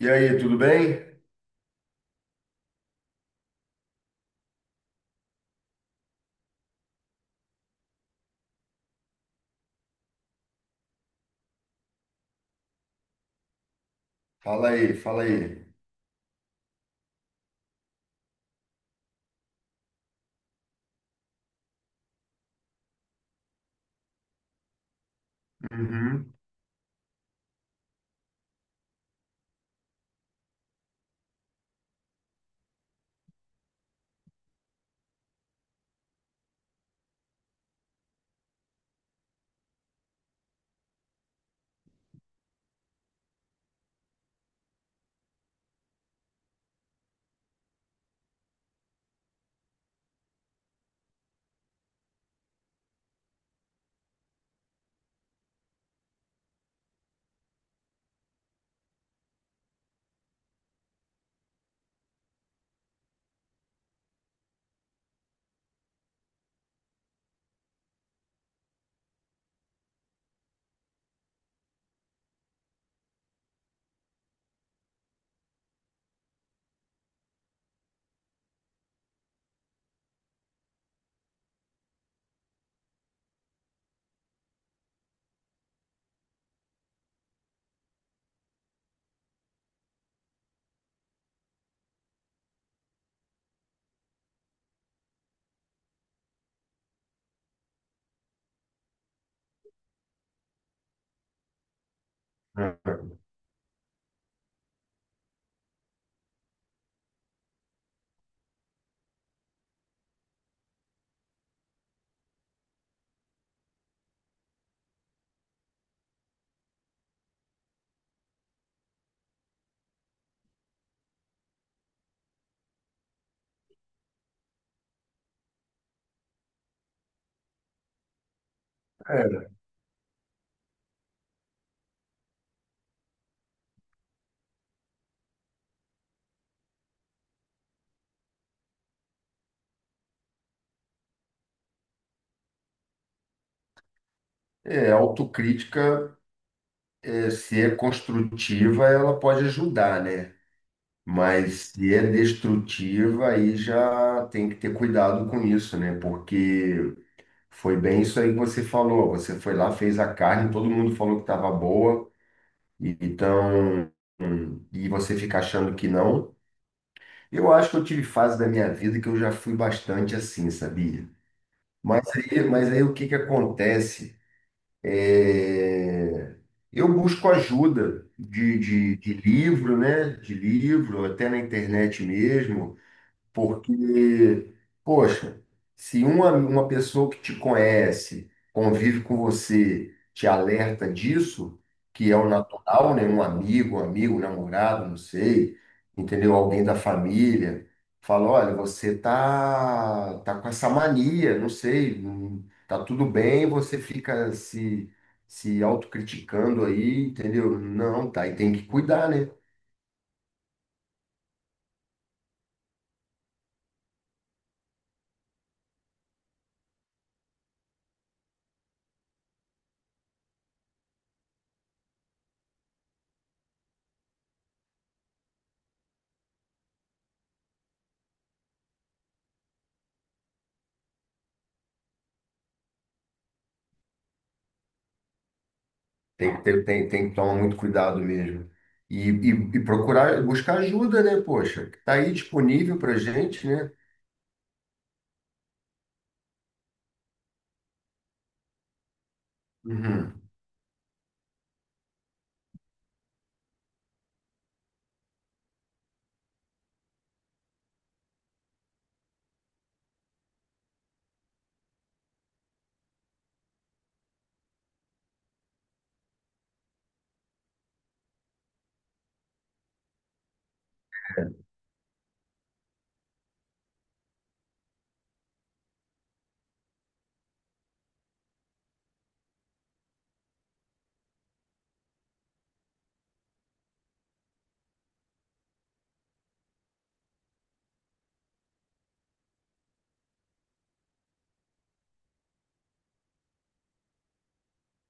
E aí, tudo bem? Fala aí, fala aí. Uhum. É, autocrítica, é, se é construtiva, ela pode ajudar, né? Mas se é destrutiva, aí já tem que ter cuidado com isso, né? Porque foi bem isso aí que você falou. Você foi lá, fez a carne, todo mundo falou que estava boa, então, e você fica achando que não. Eu acho que eu tive fase da minha vida que eu já fui bastante assim, sabia? Mas aí o que que acontece? É, eu busco ajuda de livro, né? De livro, até na internet mesmo, porque, poxa, se uma pessoa que te conhece, convive com você, te alerta disso, que é o natural, né? Um namorado, não sei, entendeu? Alguém da família, fala, olha, você tá com essa mania, não sei, tá tudo bem, você fica se, se autocriticando aí, entendeu? Não, tá, e tem que cuidar, né? Tem que ter, tem que tomar muito cuidado mesmo. E, e, e procurar, buscar ajuda, né? Poxa, que tá aí disponível pra gente, né? Uhum.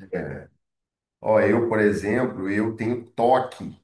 É. Ó, eu, por exemplo, eu tenho toque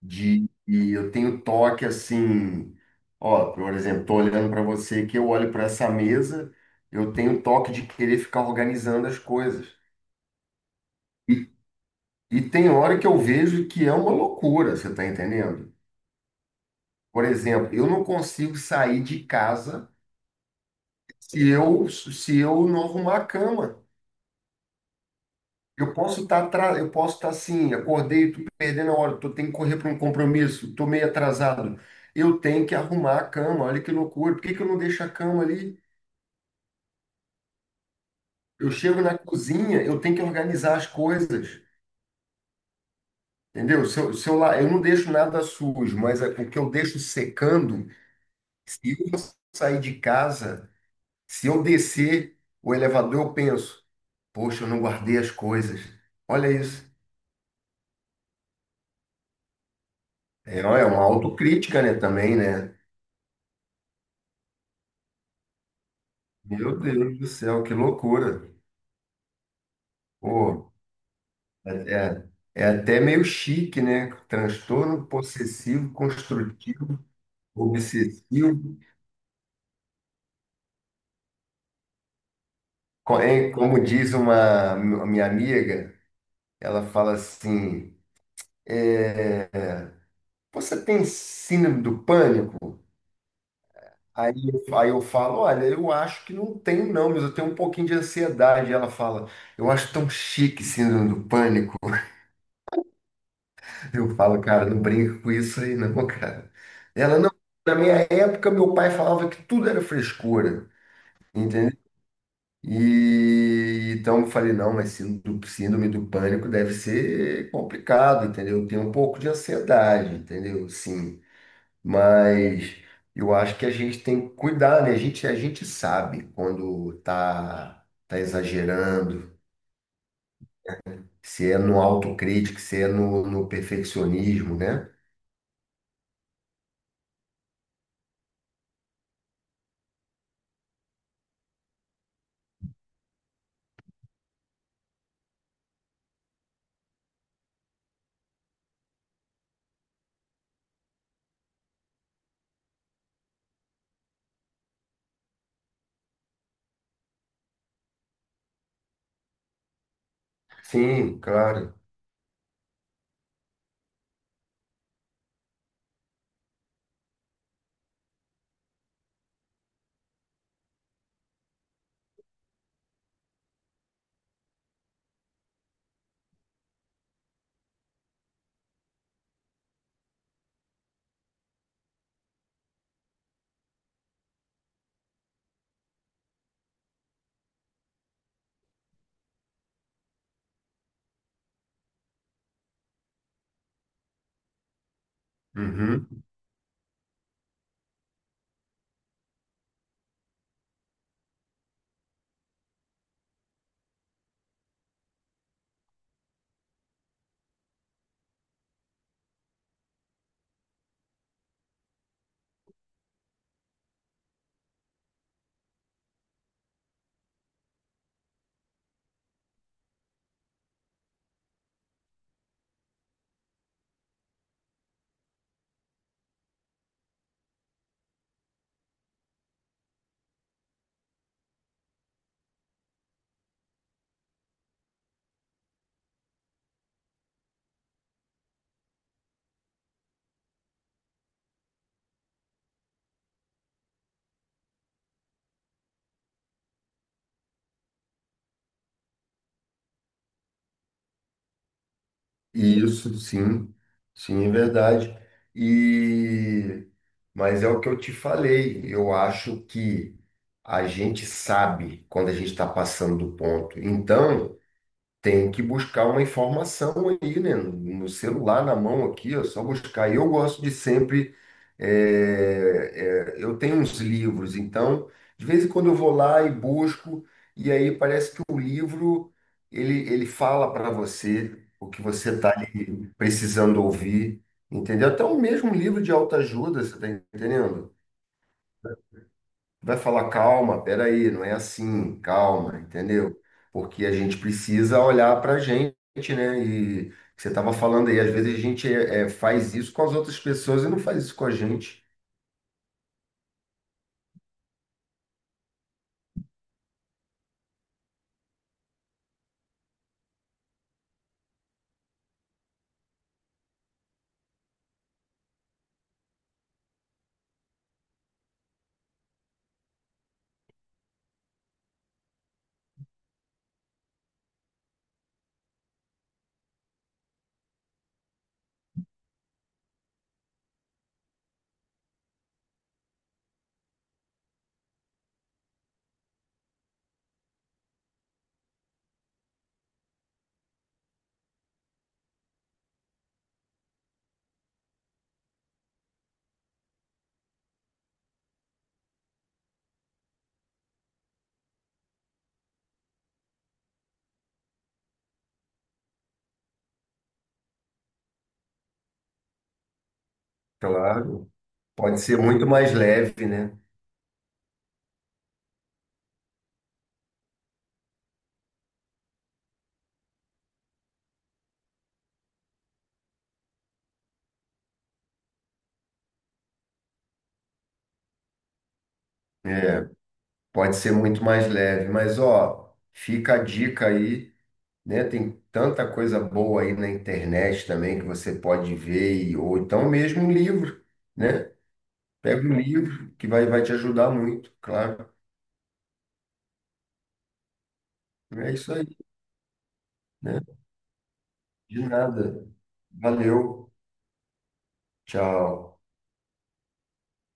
de, eu tenho toque assim, ó, por exemplo, tô olhando para você que eu olho para essa mesa, eu tenho toque de querer ficar organizando as coisas. E, e tem hora que eu vejo que é uma loucura, você tá entendendo? Por exemplo, eu não consigo sair de casa. Se eu não arrumar a cama, eu eu posso estar assim, acordei, tô perdendo a hora, tô tenho que correr para um compromisso, tô meio atrasado. Eu tenho que arrumar a cama, olha que loucura. Por que que eu não deixo a cama ali? Eu chego na cozinha, eu tenho que organizar as coisas, entendeu? Se eu, se eu, lá, eu não deixo nada sujo, mas é o que eu deixo secando, se eu sair de casa, se eu descer o elevador, eu penso, poxa, eu não guardei as coisas. Olha isso. É, ó, é uma autocrítica, né, também, né? Meu Deus do céu, que loucura. Pô, é, é até meio chique, né? Transtorno possessivo, construtivo, obsessivo. Como diz uma minha amiga, ela fala assim: Você tem síndrome do pânico? Aí, aí eu falo: Olha, eu acho que não tenho, não, mas eu tenho um pouquinho de ansiedade. Ela fala: Eu acho tão chique síndrome do pânico. Eu falo, cara, não brinca com isso aí, não, cara. Ela não. Na minha época, meu pai falava que tudo era frescura, entendeu? E então eu falei, não, mas síndrome do pânico deve ser complicado, entendeu? Eu tenho um pouco de ansiedade, entendeu? Sim, mas eu acho que a gente tem que cuidar, né? A gente sabe quando tá exagerando, se é no autocrítico, se é no perfeccionismo, né? Sim, claro. Uhum. Isso, sim, sim, é verdade. E mas é o que eu te falei. Eu acho que a gente sabe quando a gente está passando do ponto. Então tem que buscar uma informação aí, né? No celular, na mão aqui, é só buscar. E eu gosto de sempre. Eu tenho uns livros, então, de vez em quando eu vou lá e busco, e aí parece que o livro ele fala para você o que você está precisando ouvir, entendeu? Até o mesmo livro de autoajuda, você está entendendo? Vai falar, calma, peraí, não é assim, calma, entendeu? Porque a gente precisa olhar para a gente, né? E você estava falando aí, às vezes a gente faz isso com as outras pessoas e não faz isso com a gente. Claro, pode ser muito mais leve, né? É, pode ser muito mais leve, mas ó, fica a dica aí, né? Tem tanta coisa boa aí na internet também que você pode ver, ou então mesmo um livro, né? Pega um livro que vai, vai te ajudar muito, claro. É isso aí, né? De nada. Valeu. Tchau.